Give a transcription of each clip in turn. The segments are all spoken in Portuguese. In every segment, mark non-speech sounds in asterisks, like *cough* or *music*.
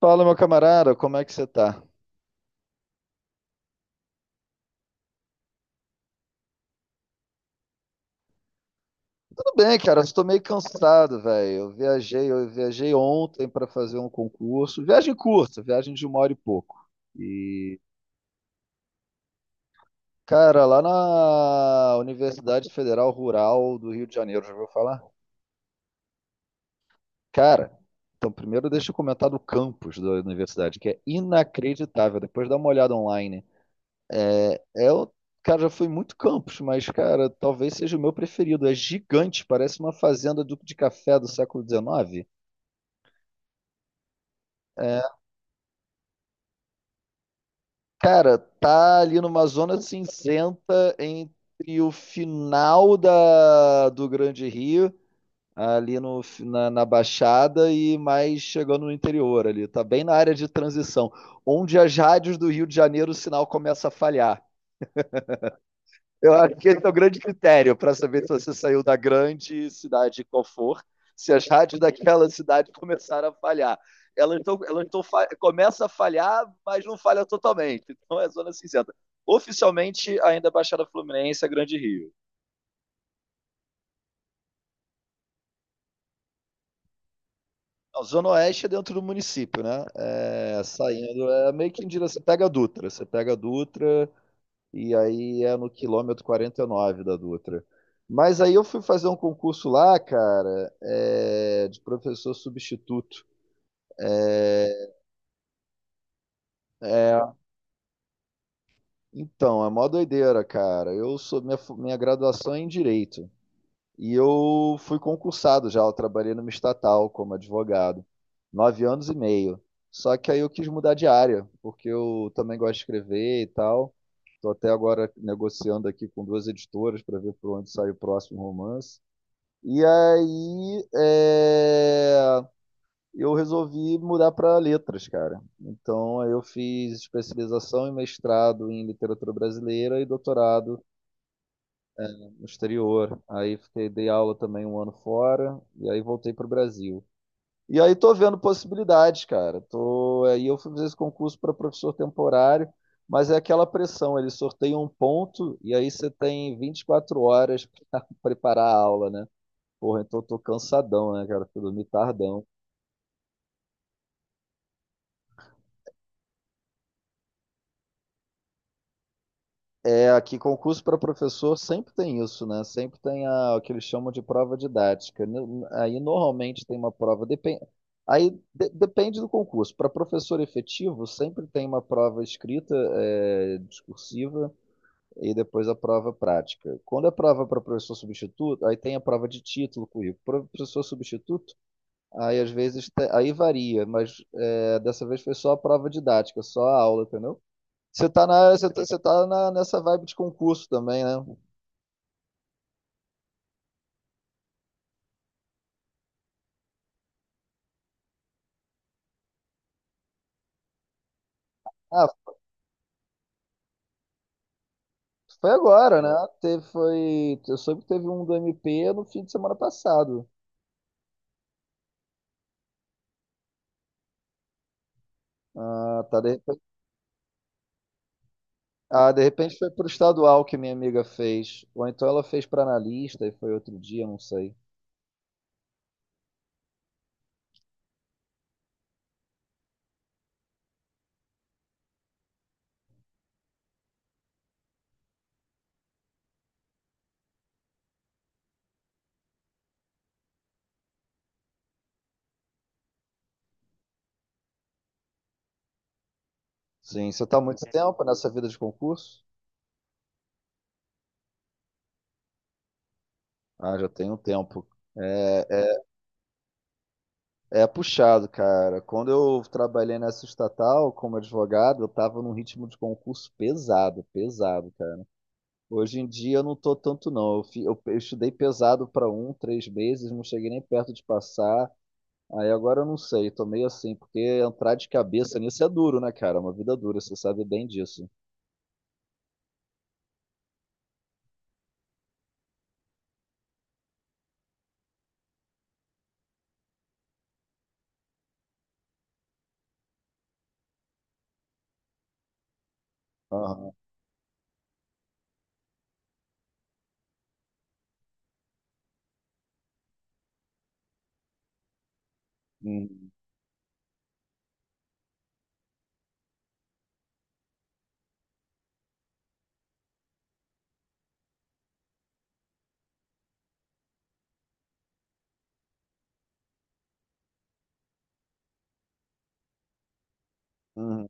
Fala, meu camarada, como é que você tá? Tudo bem, cara, eu estou meio cansado, velho. Eu viajei ontem para fazer um concurso. Viagem curta, viagem de uma hora e pouco. E, cara, lá na Universidade Federal Rural do Rio de Janeiro, já ouviu falar? Cara, então primeiro deixa eu comentar do campus da universidade, que é inacreditável. Depois dá uma olhada online. É, é o- cara, já fui muito Campos, mas, cara, talvez seja o meu preferido. É gigante, parece uma fazenda de café do século XIX. É, cara, tá ali numa zona cinzenta entre o final do Grande Rio, ali no, na, na Baixada, e mais chegando no interior ali. Tá bem na área de transição, onde as rádios do Rio de Janeiro o sinal começa a falhar. Eu acho que esse é o grande critério para saber se você saiu da grande cidade qual for, se as rádios daquela cidade começaram a falhar. Elas tão, começa a falhar, mas não falha totalmente. Então é zona cinzenta. Oficialmente, ainda é Baixada Fluminense é Grande Rio. A Zona Oeste é dentro do município, né? É, saindo, é meio que em direção. Você pega a Dutra, e aí é no quilômetro 49 da Dutra. Mas aí eu fui fazer um concurso lá, cara, é, de professor substituto. É, é, então, é mó doideira, cara. Eu sou minha, fu- minha graduação é em direito. E eu fui concursado já, eu trabalhei numa estatal como advogado, 9 anos e meio. Só que aí eu quis mudar de área, porque eu também gosto de escrever e tal. Estou até agora negociando aqui com duas editoras para ver por onde sai o próximo romance. E aí, eu resolvi mudar para letras, cara. Então aí eu fiz especialização e mestrado em literatura brasileira e doutorado no exterior. Aí fiquei, dei aula também um ano fora e aí voltei para o Brasil. E aí tô vendo possibilidades, cara. Aí eu fui fazer esse concurso para professor temporário, mas é aquela pressão, eles sorteiam um ponto e aí você tem 24 horas *laughs* para preparar a aula, né? Porra, então eu tô cansadão, né, cara? Fui dormir tardão. É, aqui concurso para professor sempre tem isso, né? Sempre tem o que eles chamam de prova didática. Aí normalmente tem uma prova, depende, aí depende do concurso. Para professor efetivo, sempre tem uma prova escrita, é, discursiva e depois a prova prática. Quando é prova para professor substituto, aí tem a prova de título, currículo. Para professor substituto, aí às vezes aí varia, mas é, dessa vez foi só a prova didática, só a aula, entendeu? Você tá na, nessa vibe de concurso também, né? Ah, foi agora, né? Teve, foi, eu soube que teve um do MP no fim de semana passado. Ah, tá, de repente, ah, de repente foi pro estadual que minha amiga fez. Ou então ela fez pra analista e foi outro dia, não sei. Sim, você tá há muito tempo nessa vida de concurso? Ah, já tem um tempo. É é, é puxado, cara. Quando eu trabalhei nessa estatal como advogado, eu tava num ritmo de concurso pesado, pesado. Hoje em dia eu não tô tanto não. Eu estudei pesado para um, 3 meses, não cheguei nem perto de passar. Aí agora eu não sei, tô meio assim, porque entrar de cabeça nisso é duro, né, cara? É uma vida dura, você sabe bem disso. Aham. Uhum. Uhum.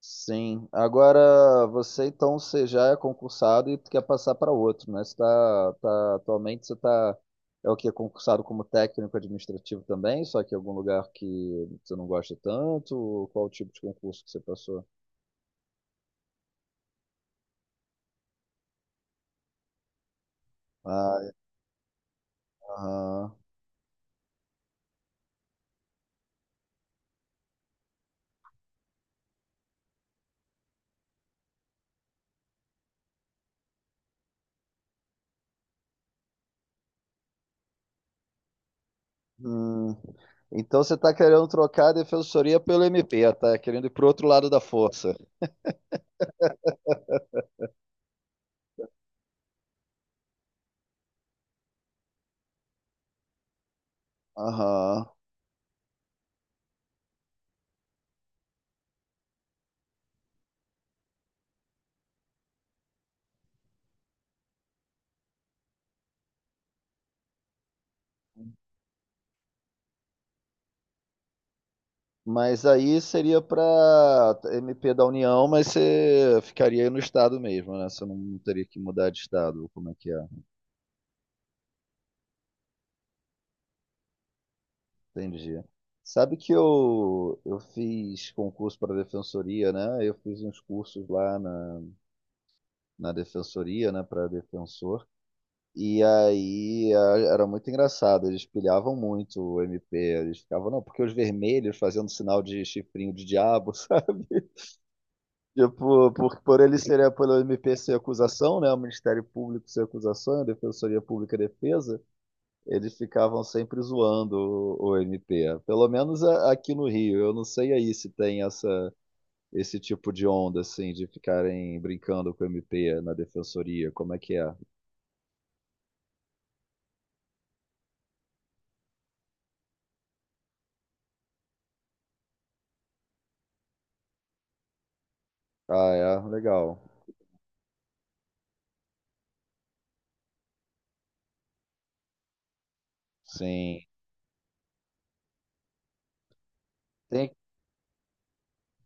Sim. Agora você então você já é concursado e quer passar para outro, né? Atualmente você tá é o que concursado como técnico administrativo também, só que em algum lugar que você não gosta tanto, ou qual tipo de concurso que você passou? Ah, Ah, hum. Então você está querendo trocar a defensoria pelo MP, tá querendo ir pro outro lado da força. Aham. Mas aí seria para MP da União, mas você ficaria aí no estado mesmo, né? Você não teria que mudar de estado, como é que é? Entendi. Sabe que eu fiz concurso para defensoria, né? Eu fiz uns cursos lá na defensoria, né, para defensor. E aí era muito engraçado, eles pilhavam muito o MP, eles ficavam, não, porque os vermelhos fazendo sinal de chifrinho de diabo, *laughs* sabe? Tipo, por ele seria pelo MP ser acusação, né? O Ministério Público ser acusação, a Defensoria Pública defesa, eles ficavam sempre zoando o MP. Pelo menos aqui no Rio, eu não sei aí se tem essa esse tipo de onda assim de ficarem brincando com o MP na defensoria, como é que é? Ah, é, legal. Sim. Tem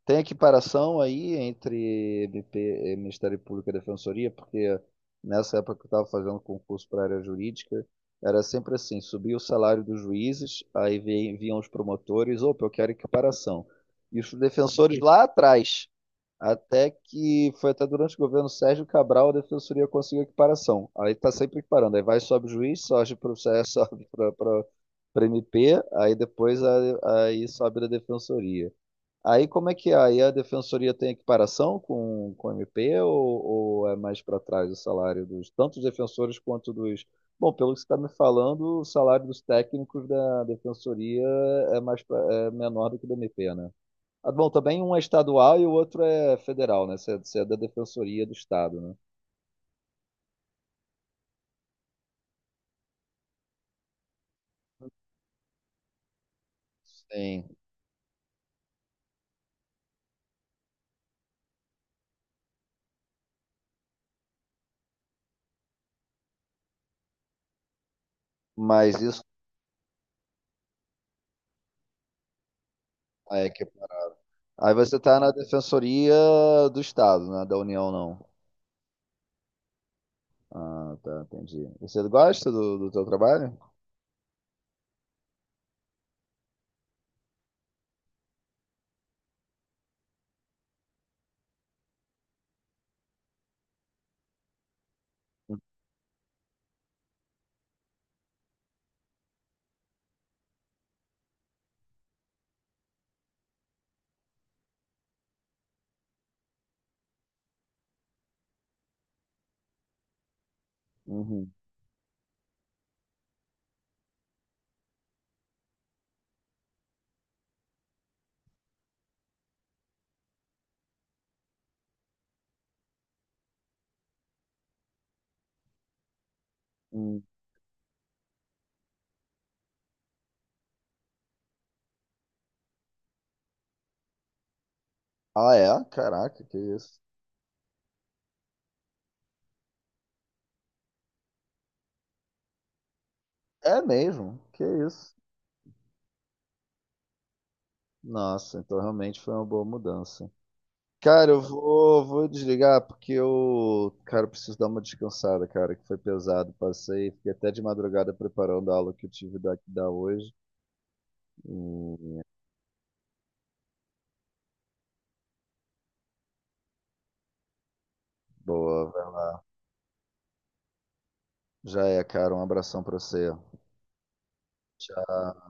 Tem equiparação aí entre MP, eh, Ministério Público e Defensoria, porque nessa época que eu estava fazendo concurso para a área jurídica, era sempre assim, subia o salário dos juízes, aí vinham os promotores, opa, eu quero equiparação. E os defensores lá atrás, até que foi até durante o governo Sérgio Cabral, a Defensoria conseguiu equiparação. Aí está sempre equiparando, aí vai, sobe o juiz, sobe para o *laughs* sobe para MP, aí depois aí sobe da Defensoria. Aí como é que é? Aí a defensoria tem equiparação com o MP ou é mais para trás o salário dos tanto dos defensores quanto dos. Bom, pelo que você está me falando, o salário dos técnicos da defensoria é menor do que do MP, né? Ah, bom, também um é estadual e o outro é federal, né? Você é da defensoria do estado, né? Sim, mas isso é que aí você tá na defensoria do Estado, né? Da União não. Ah, tá, entendi. Você gosta do, do teu trabalho? Uhum. Hum. Ah, é? Caraca, que isso. É mesmo? Que isso. Nossa, então realmente foi uma boa mudança. Cara, eu vou, vou desligar porque eu, cara, eu preciso dar uma descansada, cara, que foi pesado. Passei, fiquei até de madrugada preparando a aula que eu tive da hoje. E, boa, vai lá. Já é, cara, um abração pra você. Tchau.